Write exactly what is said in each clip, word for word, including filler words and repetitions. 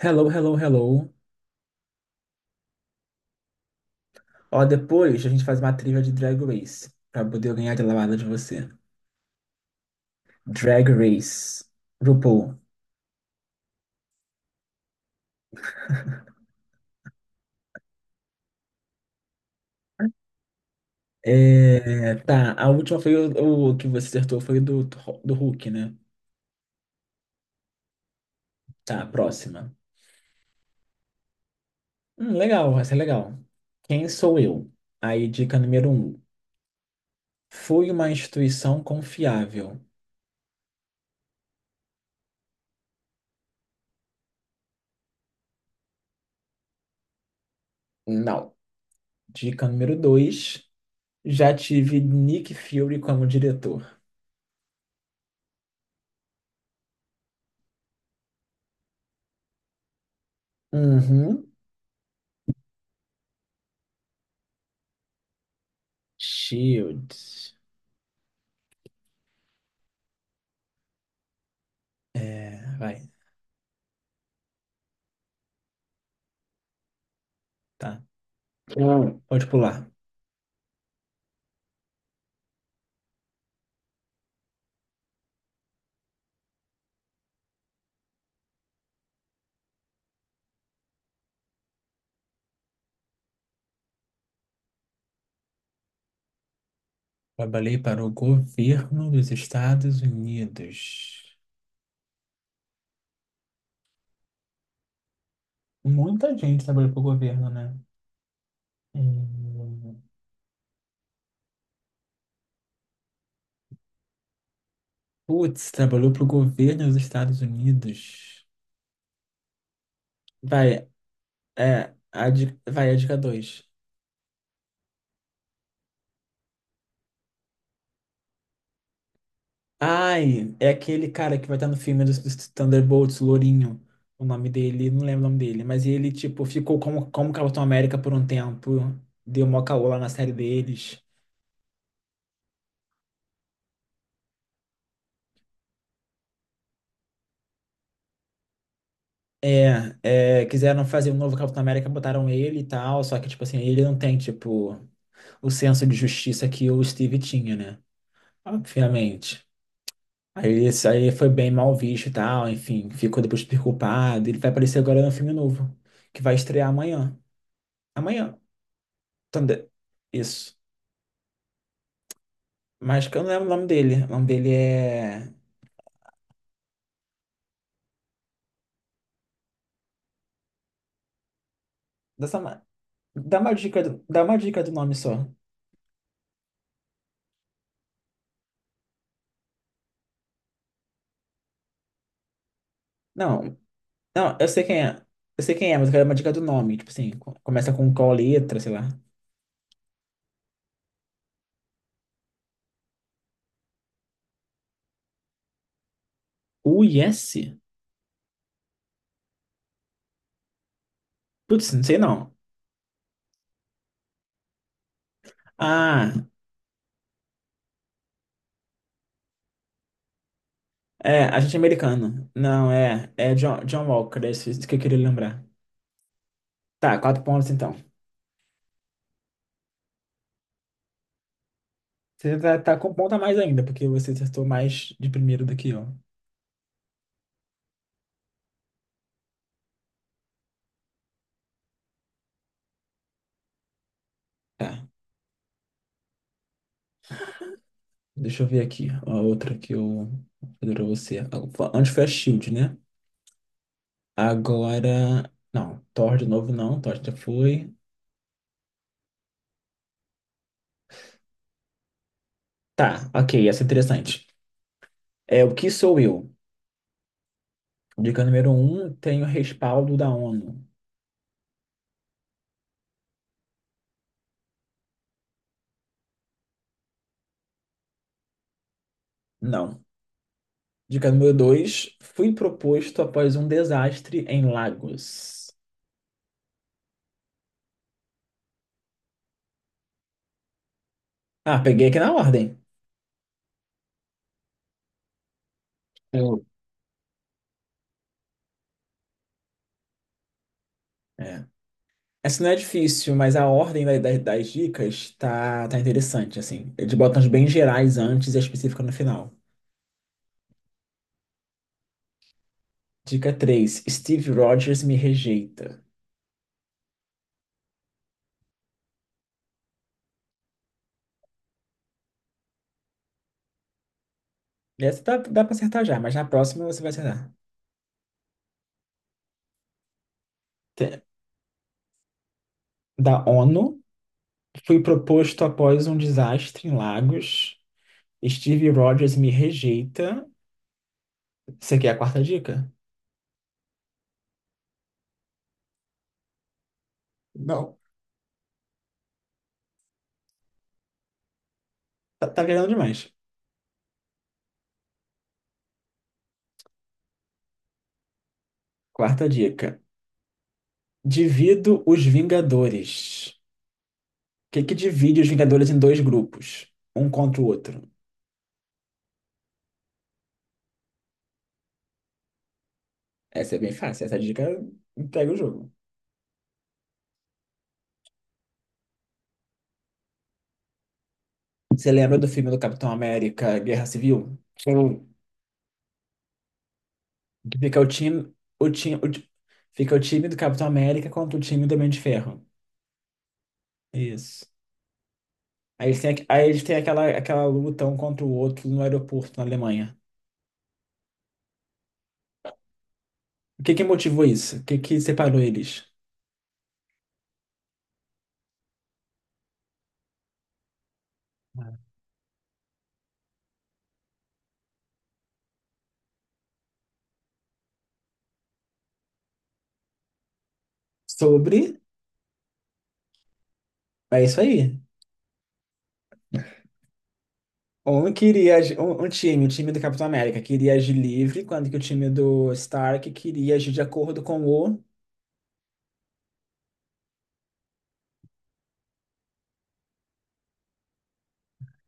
Hello, hello, hello. Ó, depois a gente faz uma trilha de Drag Race pra poder eu ganhar de lavada de você. Drag Race. RuPaul. É, tá, a última foi o, o que você acertou foi do, do Hulk, né? Tá, próxima. Hum, legal, vai ser legal. Quem sou eu? Aí, dica número um. Fui uma instituição confiável. Não. Dica número dois. Já tive Nick Fury como diretor. Uhum. Shield. É, vai, tá. Hum. Pode pular. Trabalhei para o governo dos Estados Unidos. Muita gente trabalhou para o governo, né? Hum. Putz, trabalhou para o governo dos Estados Unidos. Vai, é, a, di- vai, a dica dois. Ai, é aquele cara que vai estar no filme dos, dos Thunderbolts, Lourinho. O nome dele, não lembro o nome dele, mas ele, tipo, ficou como, como Capitão América por um tempo. Deu mó caô lá na série deles. É, é, quiseram fazer um novo Capitão América, botaram ele e tal, só que, tipo assim, ele não tem, tipo, o senso de justiça que o Steve tinha, né? Obviamente. Aí isso aí foi bem mal visto e tal, enfim, ficou depois super culpado. Ele vai aparecer agora no filme novo, que vai estrear amanhã. Amanhã, Thunder. Isso. Mas que eu não lembro o nome dele. O nome dele é. Dessa... ma- Dá uma dica, do- dá uma dica do nome só. Não, Não, eu sei quem é. Eu sei quem é, mas eu quero uma dica do nome. Tipo assim, co- começa com qual letra, sei lá. U I S? Putz, não sei não. Ah, é, agente americano. Não, é. É John, John Walker, é isso que eu queria lembrar. Tá, quatro pontos então. Você tá, tá com ponto a mais ainda, porque você acertou mais de primeiro do que eu. Tá, deixa eu ver aqui. A outra que eu vou fazer pra você. Ah, antes foi a Shield, né? Agora. Não, Thor de novo não, Thor já foi. Tá, ok, essa é interessante. É, o que sou eu? Dica número um, tenho respaldo da ONU. Não. Dica número dois, fui proposto após um desastre em Lagos. Ah, peguei aqui na ordem. Hum. É. Essa não é difícil, mas a ordem da- da- das dicas tá, tá interessante, assim. Eles botam as bem gerais antes e a específica no final. Dica três: Steve Rogers me rejeita. Essa dá, dá pra acertar já, mas na próxima você vai acertar. Te- Da ONU, fui proposto após um desastre em Lagos. Steve Rogers me rejeita. Isso aqui é a quarta dica? Não. Tá, tá virando demais. Quarta dica. Divido os Vingadores. O que que divide os Vingadores em dois grupos? Um contra o outro. Essa é bem fácil. Essa dica entrega o jogo. Você lembra do filme do Capitão América, Guerra Civil? Sim. Que fica o time, o time, o ti- fica o time do Capitão América contra o time do Homem de Ferro. Isso. Aí eles têm, aqu- aí eles têm aquela, aquela luta um contra o outro no aeroporto na Alemanha. O que que motivou isso? O que que separou eles? Sobre. É isso aí. Um queria. Agi- Um, um time, o time do Capitão América, queria agir livre, quando que o time do Stark queria agir de acordo com o.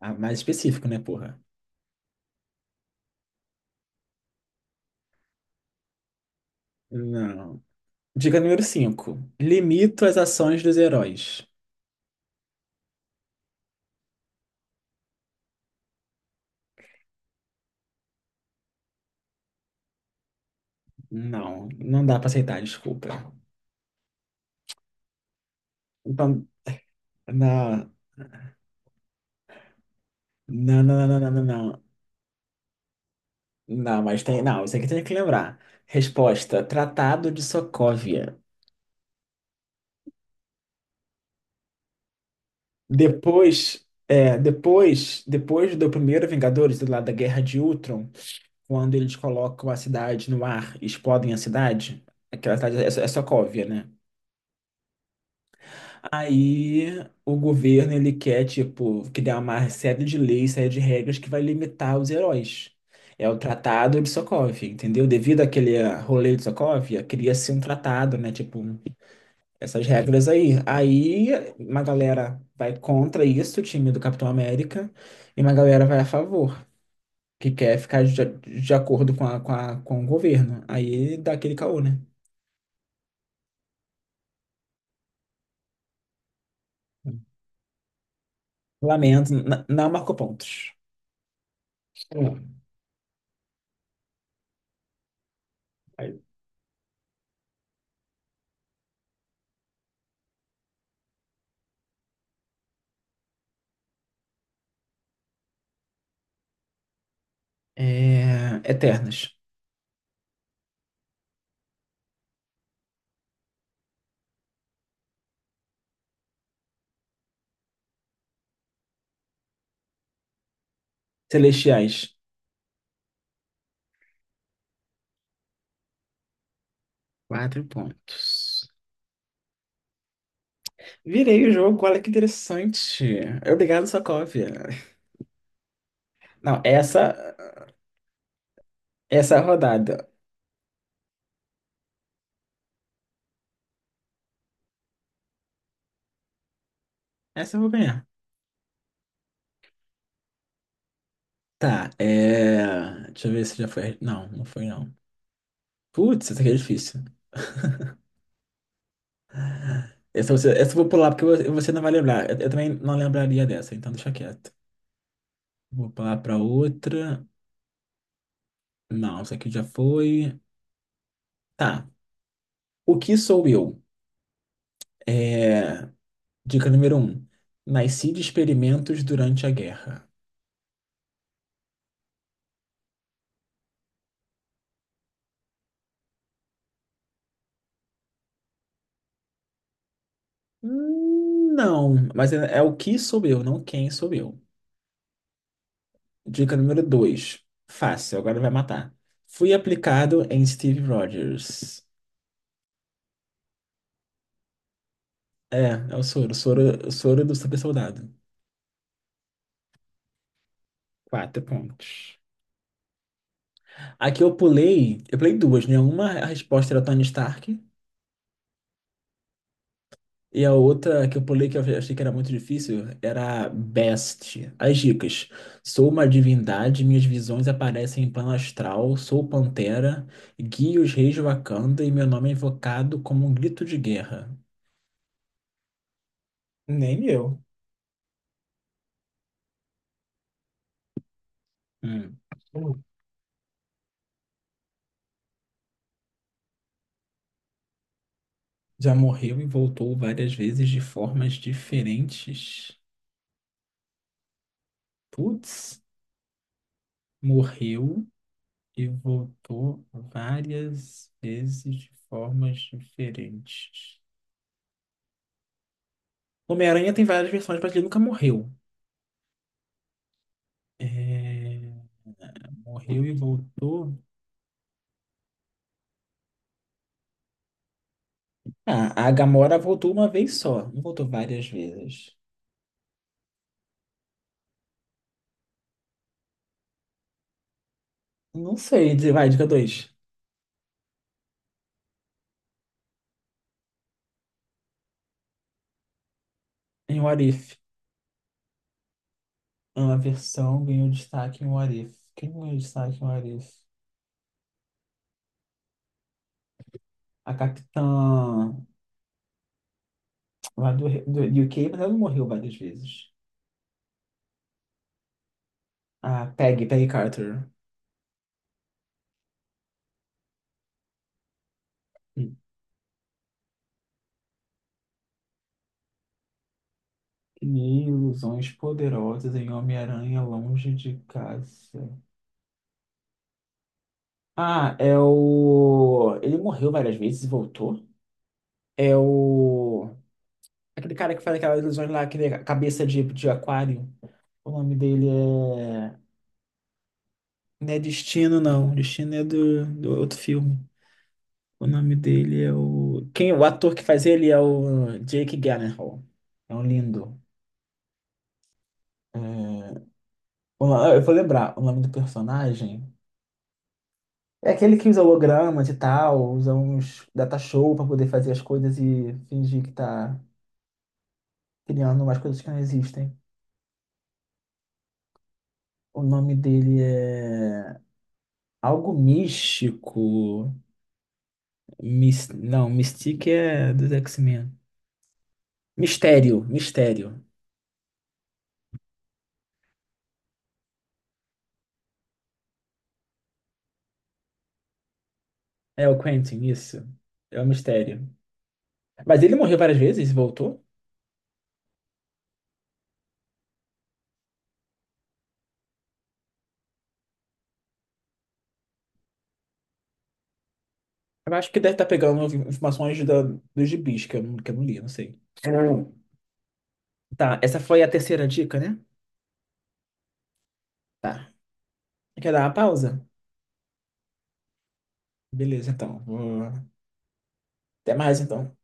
Ah, mais específico, né, porra? Não. Dica número cinco. Limito as ações dos heróis. Não, não dá pra aceitar, desculpa. Então, não, não, não, não, não, não, não. Não, Não, mas tem. Não, isso aqui tem que lembrar. Resposta: Tratado de Sokovia. Depois, é, depois, depois do primeiro Vingadores, do lado da Guerra de Ultron, quando eles colocam a cidade no ar, e explodem a cidade, aquela cidade é, So- é Sokovia, né? Aí o governo ele quer tipo criar uma série de leis, série de regras que vai limitar os heróis. É o Tratado de Sokovia, entendeu? Devido àquele ah, rolê de Sokovia, queria ser um tratado, né? Tipo um essas regras aí. Aí uma galera vai contra isso, o time do Capitão América, e uma galera vai a favor, que quer ficar de, de acordo com, a, com, a- com o governo. Aí dá aquele caô, né? Lamento, n- não marcou pontos. Hum. É, Eternas. Celestiais. Quatro pontos. Virei o jogo, olha que interessante. Obrigado, Sokovia. Não, essa, essa rodada. Essa eu vou ganhar. Tá, é. Deixa eu ver se já foi. Não, não foi não. Putz, essa aqui é difícil. Essa, você, essa eu vou pular porque você você não vai lembrar. Eu, eu também não lembraria dessa, então deixa quieto. Vou pular pra outra. Não, essa aqui já foi. Tá. O que sou eu? É. Dica número um. Nasci de experimentos durante a guerra. Hum, Não, mas é, é o que sou eu, não quem sou eu. Dica número dois. Fácil, agora vai matar. Fui aplicado em Steve Rogers. É, é o soro. Soro, soro do super soldado. Quatro pontos. Aqui eu pulei, eu pulei duas, né? Uma a resposta era Tony Stark e a outra que eu pulei que eu achei que era muito difícil era Best. As dicas. Sou uma divindade, minhas visões aparecem em plano astral, sou pantera, guio os reis de Wakanda e meu nome é invocado como um grito de guerra. Nem eu. Hum. Já morreu e voltou várias vezes de formas diferentes. Putz. Morreu e voltou várias vezes de formas diferentes. Homem-Aranha tem várias versões, mas ele nunca morreu. É, morreu e voltou. Ah, a Gamora voltou uma vez só, não voltou várias vezes. Não sei, de- vai, dica dois. Em What If. É uma versão ganhou destaque em What If. Quem ganhou destaque em What If? A Capitã lá do, do U K, mas ela não morreu várias vezes. A Peggy, Peggy Carter. Crie ilusões poderosas em Homem-Aranha longe de casa. Ah, é o. Ele morreu várias vezes e voltou. É o. Aquele cara que faz aquelas ilusões lá, aquele cabeça de, de aquário. O nome dele é. Não é Destino, não. Destino é do, do outro filme. O nome dele é o. Quem, o ator que faz ele é o Jake Gyllenhaal. É um lindo. É, o- ah, eu vou lembrar o nome do personagem. É aquele que usa hologramas e tal, usa uns data show pra poder fazer as coisas e fingir que tá criando umas coisas que não existem. O nome dele é algo místico. Mis... Não, Mystique é dos X-Men. Mistério, Mistério. É o Quentin, isso. É o Mistério. Mas ele morreu várias vezes e voltou? Eu acho que deve estar pegando informações da, dos gibis, que eu, não- que eu não li, não sei. Hum. Tá, essa foi a terceira dica, né? Tá. Quer dar uma pausa? Beleza, então. Vou- Até mais, então.